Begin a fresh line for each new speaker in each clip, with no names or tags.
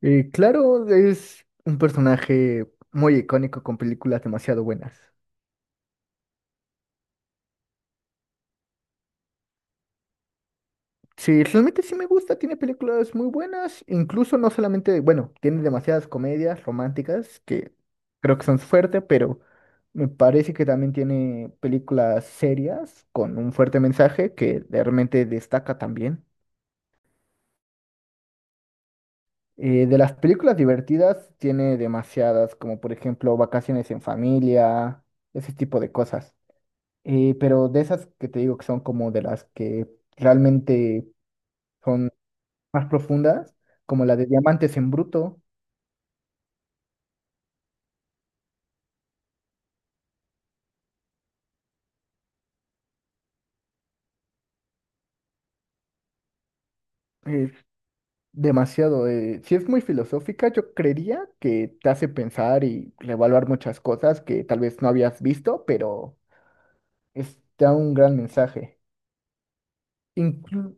Claro, es un personaje muy icónico con películas demasiado buenas. Sí, realmente sí me gusta, tiene películas muy buenas, incluso no solamente, bueno, tiene demasiadas comedias románticas que creo que son su fuerte, pero me parece que también tiene películas serias con un fuerte mensaje que realmente destaca también. De las películas divertidas tiene demasiadas, como por ejemplo Vacaciones en familia, ese tipo de cosas. Pero de esas que te digo que son como de las que realmente son más profundas, como la de Diamantes en Bruto, es demasiado. Sí, es muy filosófica, yo creería que te hace pensar y reevaluar muchas cosas que tal vez no habías visto, pero te da un gran mensaje. Inclu-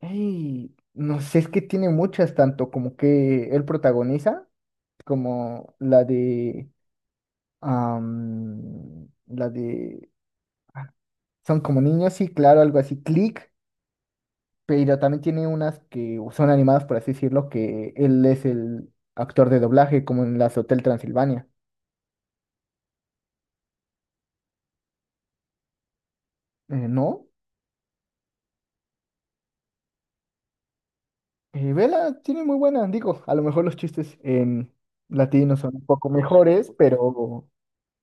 no sé, es que tiene muchas, tanto como que él protagoniza, como la de... la de... ah, Son como niños, sí, claro, algo así, Click, pero también tiene unas que son animadas, por así decirlo, que él es el actor de doblaje, como en las Hotel Transilvania. ¿No? Vela tiene muy buena, digo, a lo mejor los chistes en latino son un poco mejores, pero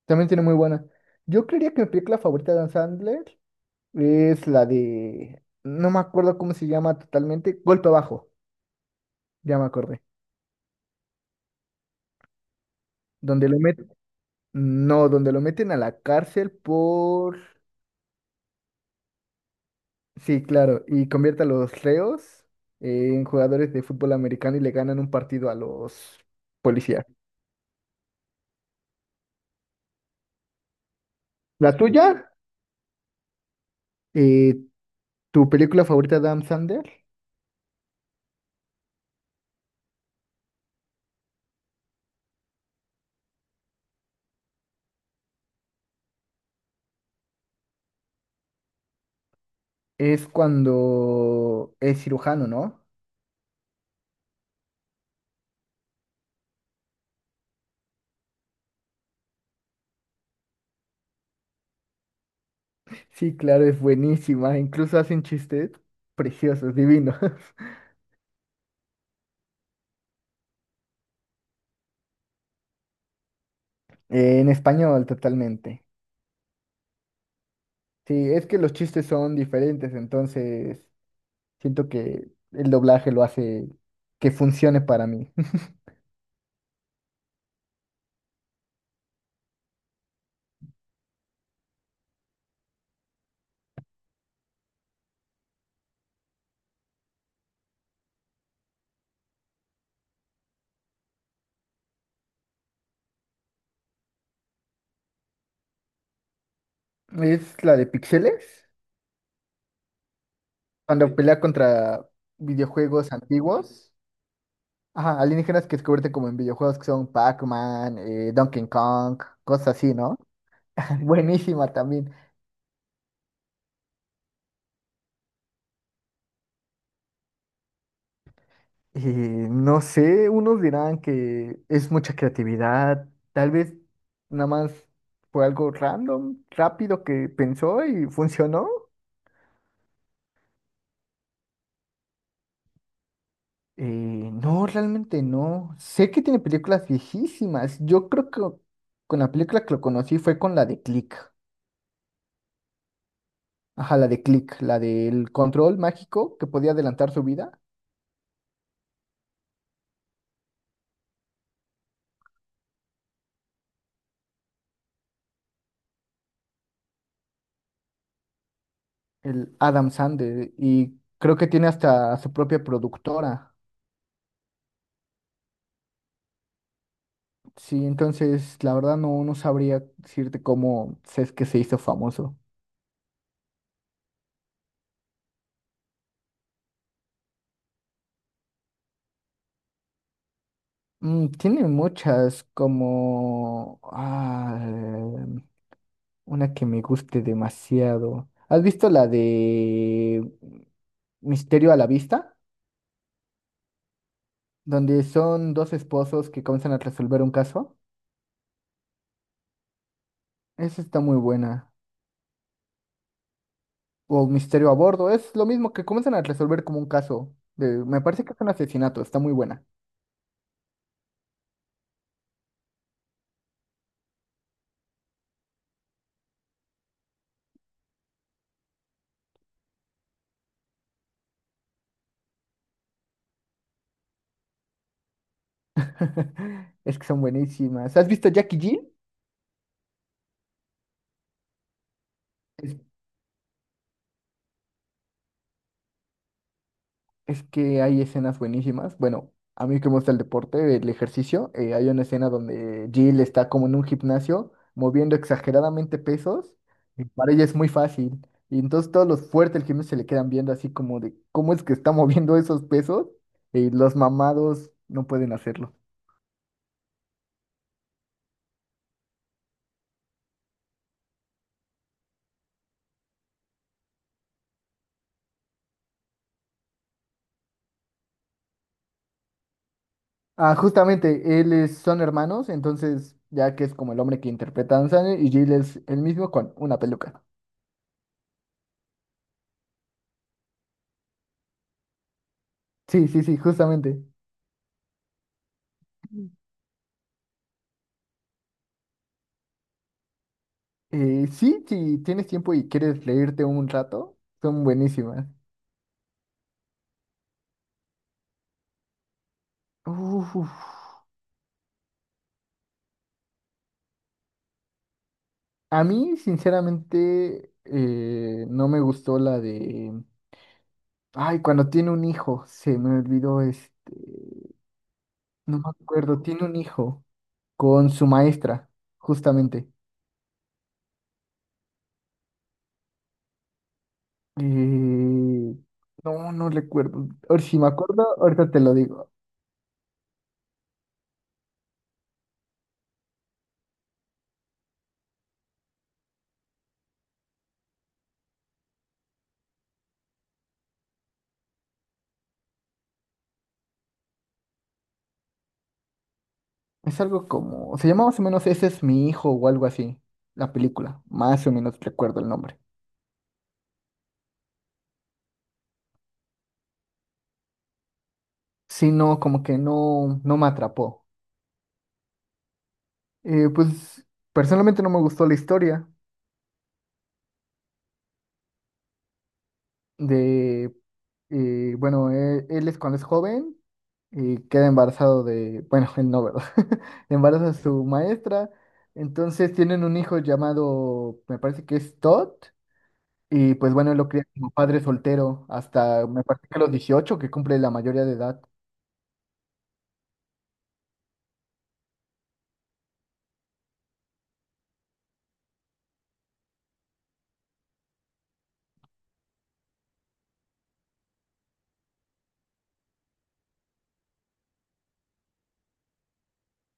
también tiene muy buena. Yo creería que mi película favorita de Dan Sandler es la de, no me acuerdo cómo se llama totalmente, Golpe Abajo, ya me acordé, donde lo meten, no, donde lo meten a la cárcel por... Sí, claro, y convierte a los reos en jugadores de fútbol americano y le ganan un partido a los policías. La tuya, eh, Tu película favorita de Adam Sandler es cuando es cirujano, ¿no? Sí, claro, es buenísima, incluso hacen chistes preciosos, divinos. En español totalmente. Sí, es que los chistes son diferentes, entonces siento que el doblaje lo hace que funcione para mí. Es la de Pixeles. Cuando pelea contra videojuegos antiguos, ajá, alienígenas que descubriste como en videojuegos que son Pac-Man, Donkey Kong, cosas así, ¿no? Buenísima también. Eh, no sé, unos dirán que es mucha creatividad, tal vez nada más fue algo random, rápido que pensó y funcionó. No, realmente no. Sé que tiene películas viejísimas. Yo creo que con la película que lo conocí fue con la de Click. Ajá, la de Click, la del control mágico que podía adelantar su vida, el Adam Sandler, y creo que tiene hasta su propia productora. Sí, entonces la verdad no, no sabría decirte cómo es que se hizo famoso. Mm, tiene muchas, como ah, una que me guste demasiado. ¿Has visto la de Misterio a la Vista? Donde son dos esposos que comienzan a resolver un caso. Esa está muy buena. O Misterio a bordo. Es lo mismo, que comienzan a resolver como un caso. De, me parece que es un asesinato, está muy buena. Es que son buenísimas. ¿Has visto Jackie G? Es, es que hay escenas buenísimas. Bueno, a mí que me gusta el deporte, el ejercicio, hay una escena donde Jill está como en un gimnasio moviendo exageradamente pesos. Para ella es muy fácil. Y entonces todos los fuertes del gimnasio se le quedan viendo así como de cómo es que está moviendo esos pesos y los mamados no pueden hacerlo. Ah, justamente, son hermanos, entonces ya que es como el hombre que interpreta a Adam Sandler y Jill es el mismo con una peluca. Sí, sí, sí, justamente. Mm. Sí, si tienes tiempo y quieres leerte un rato, son buenísimas. Uf. A mí, sinceramente, no me gustó la de... Ay, cuando tiene un hijo, se me olvidó este... No me acuerdo, tiene un hijo con su maestra, justamente. Eh, no, no recuerdo. Ahora, si me acuerdo, ahorita te lo digo. Es algo como, se llama más o menos Ese es mi hijo o algo así, la película. Más o menos recuerdo el nombre. Sí, no, como que no, no me atrapó. Pues personalmente no me gustó la historia de, bueno, él es cuando es joven y queda embarazado de, bueno, él no, ¿verdad? Embaraza a su maestra. Entonces tienen un hijo llamado, me parece que es Todd. Y pues bueno, él lo cría como padre soltero hasta me parece que a los 18 que cumple la mayoría de edad.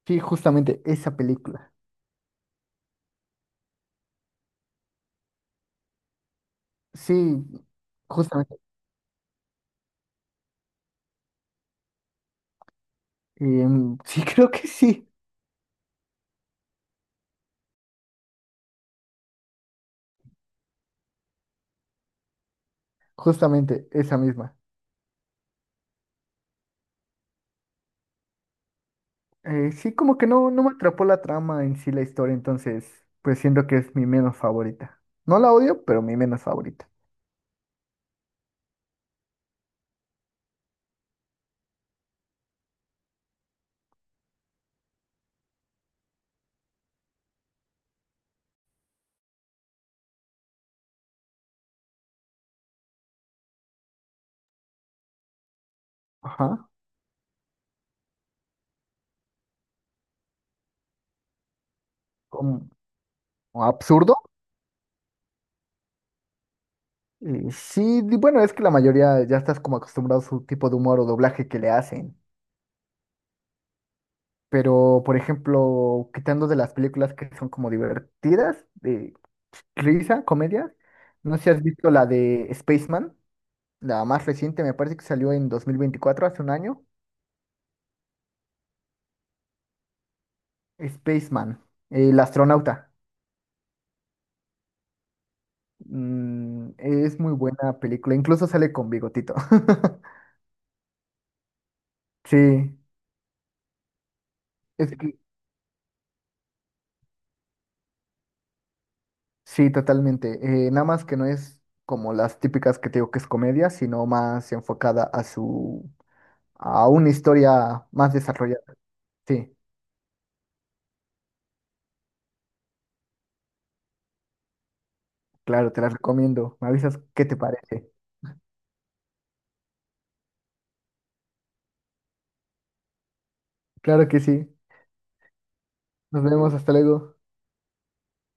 Sí, justamente esa película. Sí, justamente. Sí, creo que sí, justamente esa misma. Sí, como que no, no me atrapó la trama en sí, la historia, entonces pues siento que es mi menos favorita. No la odio, pero mi menos favorita. Ajá. ¿Como absurdo? Sí, bueno, es que la mayoría ya estás como acostumbrado a su tipo de humor o doblaje que le hacen. Pero, por ejemplo, quitando de las películas que son como divertidas, de risa, comedia, no sé si has visto la de Spaceman. La más reciente me parece que salió en 2024, hace un año. Spaceman, el astronauta. Mm, es muy buena película, incluso sale con bigotito. Sí, es que sí, totalmente. Nada más que no es como las típicas que te digo que es comedia, sino más enfocada a su a una historia más desarrollada. Sí, claro, te la recomiendo. Me avisas qué te parece. Claro que sí. Nos vemos, hasta luego.